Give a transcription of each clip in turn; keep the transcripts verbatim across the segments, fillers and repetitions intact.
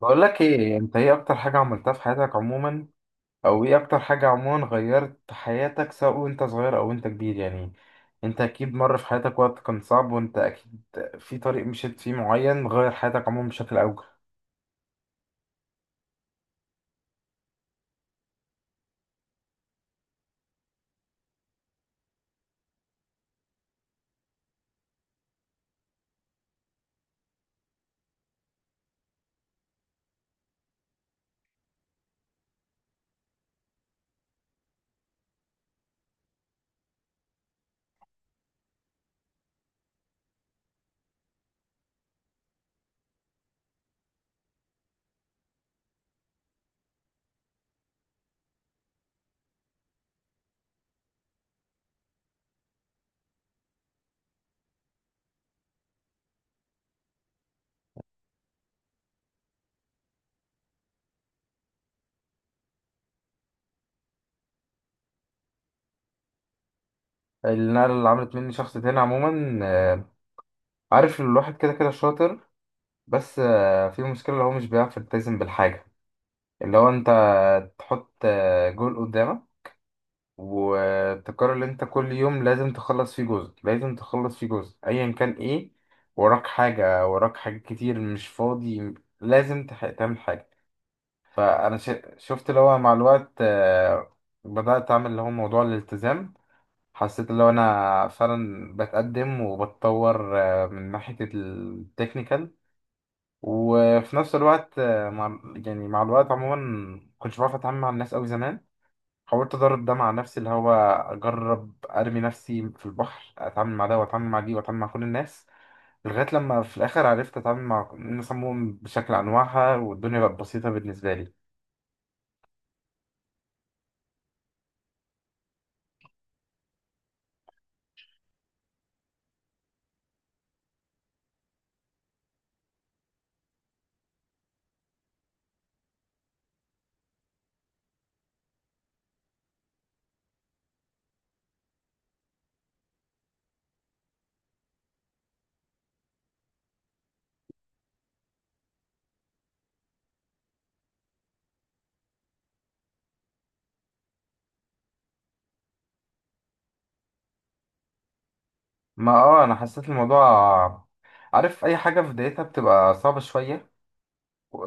بقول لك ايه؟ انت ايه اكتر حاجة عملتها في حياتك عموما؟ او ايه اكتر حاجة عموما غيرت حياتك سواء وانت صغير او وانت كبير يعني؟ انت اكيد مر في حياتك وقت كان صعب، وانت اكيد في طريق مشيت فيه معين غير حياتك عموما بشكل اوجه. النقلة اللي عملت مني شخص تاني عموما، آه، عارف إن الواحد كده كده شاطر، بس آه، في مشكلة اللي هو مش بيعرف يلتزم بالحاجة اللي هو انت تحط آه، جول قدامك، وتكرر اللي انت كل يوم لازم تخلص فيه جزء، لازم تخلص فيه جزء ايا كان. ايه وراك؟ حاجة وراك؟ حاجات كتير مش فاضي، لازم تح- تعمل حاجة. فانا ش- شفت اللي هو مع الوقت آه، بدأت اعمل اللي هو موضوع الالتزام. حسيت اللي هو انا فعلا بتقدم وبتطور آه، من ناحية التكنيكال، وفي نفس الوقت آه، مع يعني مع الوقت عموما كنتش بعرف اتعامل مع الناس قوي زمان. حاولت ادرب ده مع نفسي، اللي هو اجرب ارمي نفسي في البحر، اتعامل مع ده واتعامل مع دي واتعامل مع كل الناس، لغايه لما في الاخر عرفت اتعامل مع الناس عموما بشكل انواعها، والدنيا بقت بسيطه بالنسبه لي. ما اه انا حسيت الموضوع، عارف اي حاجه في بدايتها بتبقى صعبه شويه.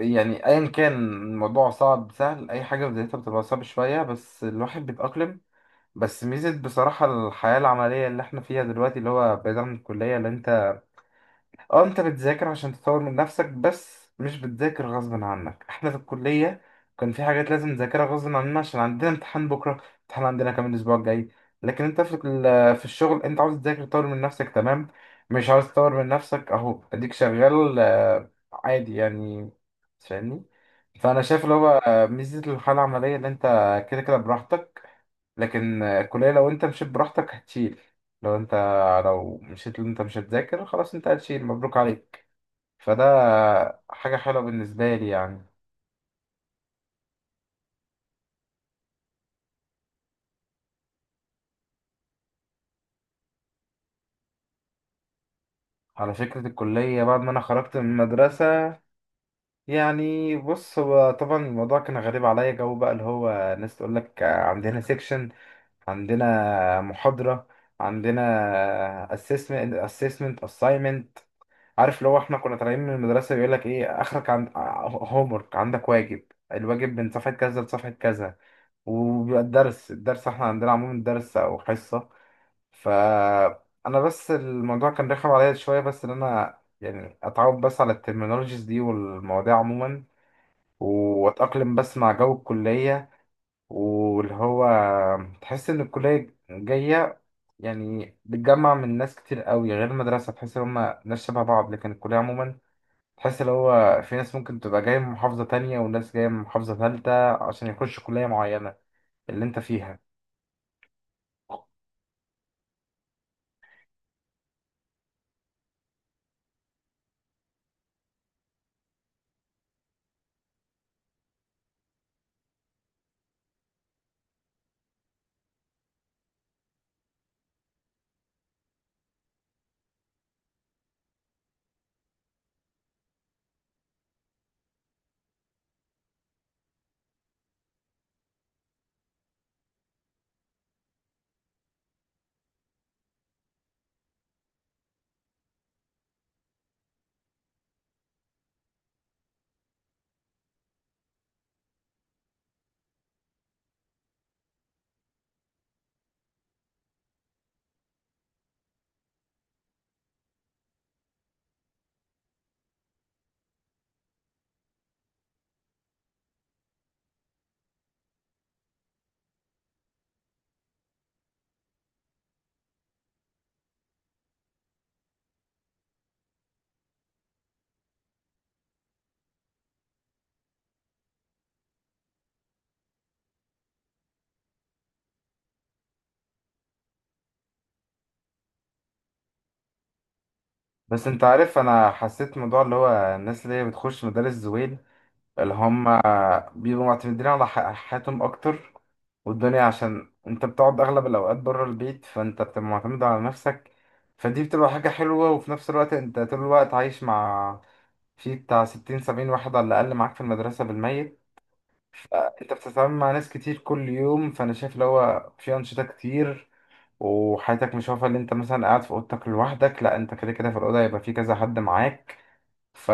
يعني ايا كان الموضوع صعب سهل، اي حاجه في بدايتها بتبقى صعبه شويه بس الواحد بيتاقلم. بس ميزه بصراحه الحياه العمليه اللي احنا فيها دلوقتي اللي هو بعيد عن الكليه، اللي انت اه انت بتذاكر عشان تطور من نفسك بس مش بتذاكر غصب عنك. احنا في الكلية كان في حاجات لازم نذاكرها غصب عننا عشان عندنا امتحان بكرة، امتحان عندنا كمان الاسبوع الجاي. لكن انت في ال- في الشغل انت عاوز تذاكر تطور من نفسك، تمام. مش عاوز تطور من نفسك، اهو اديك شغال آه، عادي يعني، فاهمني؟ فانا شايف اللي هو آه، ميزة الحالة العملية اللي انت كده كده براحتك. لكن آه، الكلية لو انت مشيت براحتك هتشيل. لو انت، لو مشيت اللي انت مش هتذاكر خلاص انت هتشيل، مبروك عليك. فده حاجة حلوة بالنسبة لي يعني. على فكرة الكلية بعد ما أنا خرجت من المدرسة، يعني بص هو طبعا الموضوع كان غريب عليا. جو بقى اللي هو ناس تقول لك عندنا سيكشن، عندنا محاضرة، عندنا assessment assessment assignment. عارف لو احنا كنا طالعين من المدرسة بيقول لك ايه اخرك؟ عند homework، عندك واجب، الواجب من صفحة كذا لصفحة كذا. وبيبقى الدرس، الدرس احنا عندنا عموما درس او حصة. فانا بس الموضوع كان رخم عليا شويه، بس ان انا يعني اتعود بس على الترمينولوجيز دي والمواضيع عموما، واتاقلم بس مع جو الكليه. واللي هو تحس ان الكليه جايه يعني بتجمع من ناس كتير قوي غير المدرسه. تحس ان هم ناس شبه بعض، لكن الكليه عموما تحس اللي هو في ناس ممكن تبقى جايه من محافظه تانية، وناس جايه من محافظه ثالثه عشان يخشوا كليه معينه اللي انت فيها. بس انت عارف انا حسيت موضوع اللي هو الناس اللي هي بتخش مدارس زويل، اللي هم بيبقوا معتمدين على ح- حياتهم اكتر والدنيا، عشان انت بتقعد اغلب الاوقات بره البيت فانت بتبقى معتمد على نفسك. فدي بتبقى حاجة حلوة. وفي نفس الوقت انت طول الوقت عايش مع، في بتاع ستين سبعين واحد على الاقل معاك في المدرسة بالميت، فانت بتتعامل مع ناس كتير كل يوم. فانا شايف اللي هو في انشطة كتير، وحياتك مش واقفة اللي انت مثلا قاعد في اوضتك لوحدك، لا انت كده كده في الاوضة يبقى في كذا حد معاك. ف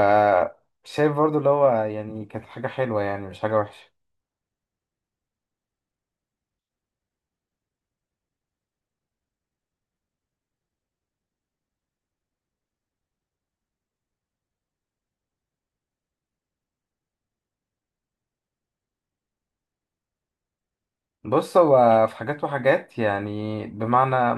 شايف برضو اللي هو يعني كانت حاجة حلوة، يعني مش حاجة وحشة. بص هو في حاجات وحاجات يعني، بمعنى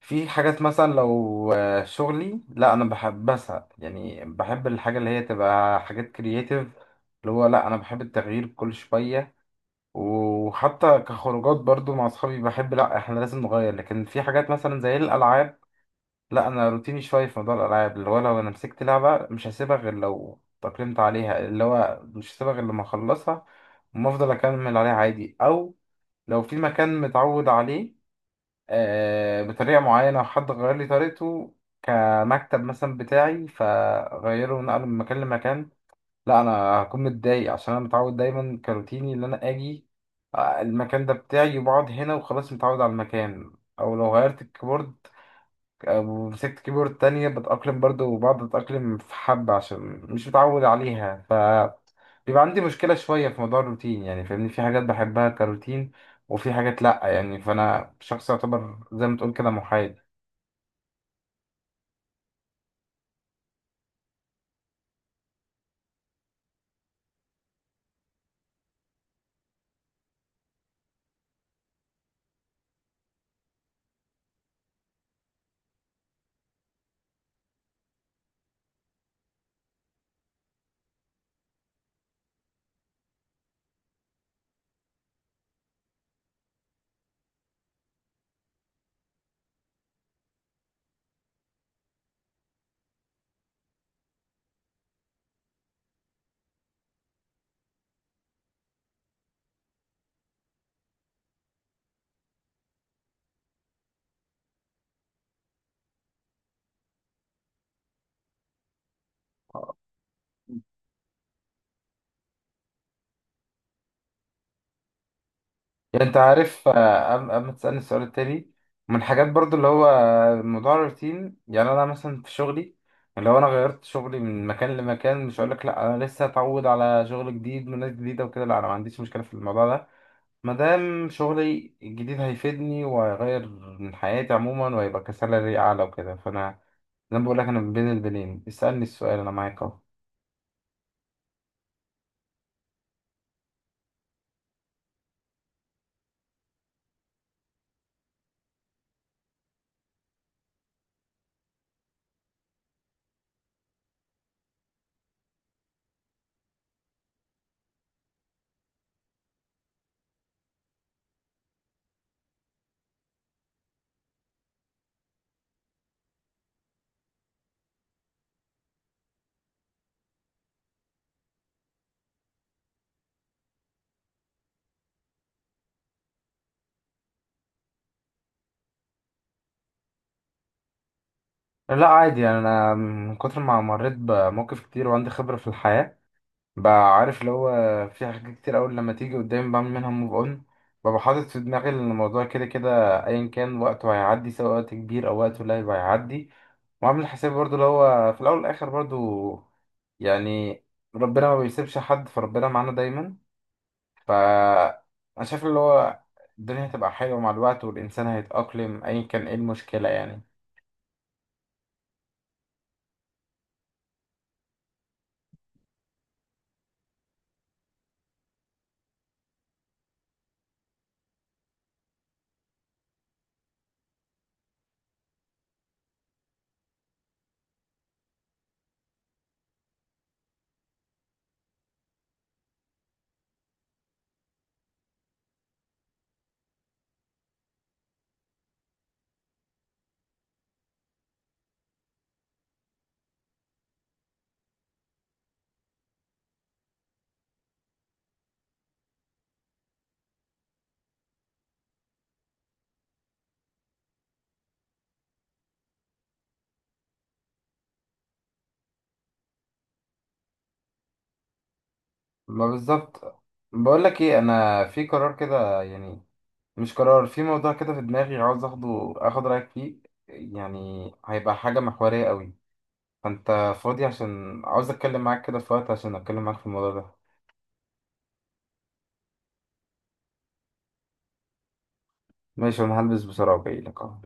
في حاجات مثلا لو آه، شغلي، لا انا بحب بسعى يعني بحب الحاجة اللي هي تبقى حاجات كرياتيف، اللي هو لا انا بحب التغيير كل شوية. وحتى كخروجات برضو مع اصحابي بحب لا احنا لازم نغير. لكن في حاجات مثلا زي الالعاب لا انا روتيني شويه في موضوع الالعاب، اللي هو لو انا مسكت لعبه مش هسيبها غير لو تأقلمت عليها، اللي هو مش هسيبها غير لما اخلصها وما افضل اكمل عليها عادي. او لو في مكان متعود عليه آه بطريقه معينه وحد غير لي طريقته، كمكتب مثلا بتاعي فغيره ونقله من مكان لمكان، لا انا هكون متضايق عشان انا متعود دايما كروتيني ان انا اجي آه، المكان ده بتاعي وبقعد هنا وخلاص، متعود على المكان. او لو غيرت الكيبورد ومسكت كيبورد تانية بتأقلم برضو، وبقعد أتأقلم في حبة عشان مش متعود عليها. ف بيبقى عندي مشكلة شوية في موضوع الروتين يعني، فاهمني؟ في حاجات بحبها كروتين وفي حاجات لأ، يعني فأنا شخص يعتبر زي ما تقول كده محايد. يعني أنت عارف آه، قبل قبل ما تسألني السؤال التاني، من الحاجات برضو اللي هو موضوع الروتين، يعني أنا مثلا في شغلي لو أنا غيرت شغلي من مكان لمكان مش هقولك لأ أنا لسه أتعود على شغل جديد وناس جديدة وكده، لأ أنا ما عنديش مشكلة في الموضوع ده ما دام شغلي الجديد هيفيدني وهيغير من حياتي عموما وهيبقى كسالري أعلى وكده. فأنا زي ما بقول لك أنا بين البنين، اسألني السؤال أنا معاك أهو. لا عادي يعني، أنا من كتر ما مريت بمواقف كتير وعندي خبرة في الحياة بقى عارف اللي هو في حاجات كتير أوي لما تيجي قدامي بعمل منها موف أون. ببقى حاطط في دماغي إن الموضوع كده كده أيا كان وقته هيعدي، سواء وقت كبير أو وقت قليل هيعدي. وعامل حسابي برضو اللي هو في الأول والآخر برضو يعني ربنا ما بيسيبش حد، فربنا معانا دايما. ف أنا شايف اللي هو الدنيا هتبقى حلوة مع الوقت، والإنسان هيتأقلم أيا كان إيه المشكلة يعني. ما بالظبط. بقول لك إيه، أنا في قرار كده يعني، مش قرار، في موضوع كده في دماغي عاوز اخده اخد رايك فيه. يعني هيبقى حاجه محوريه قوي. فانت فاضي عشان عاوز اتكلم معاك كده في وقت عشان اتكلم معاك في الموضوع ده؟ ماشي، انا هلبس بسرعه وجاي لك اهو.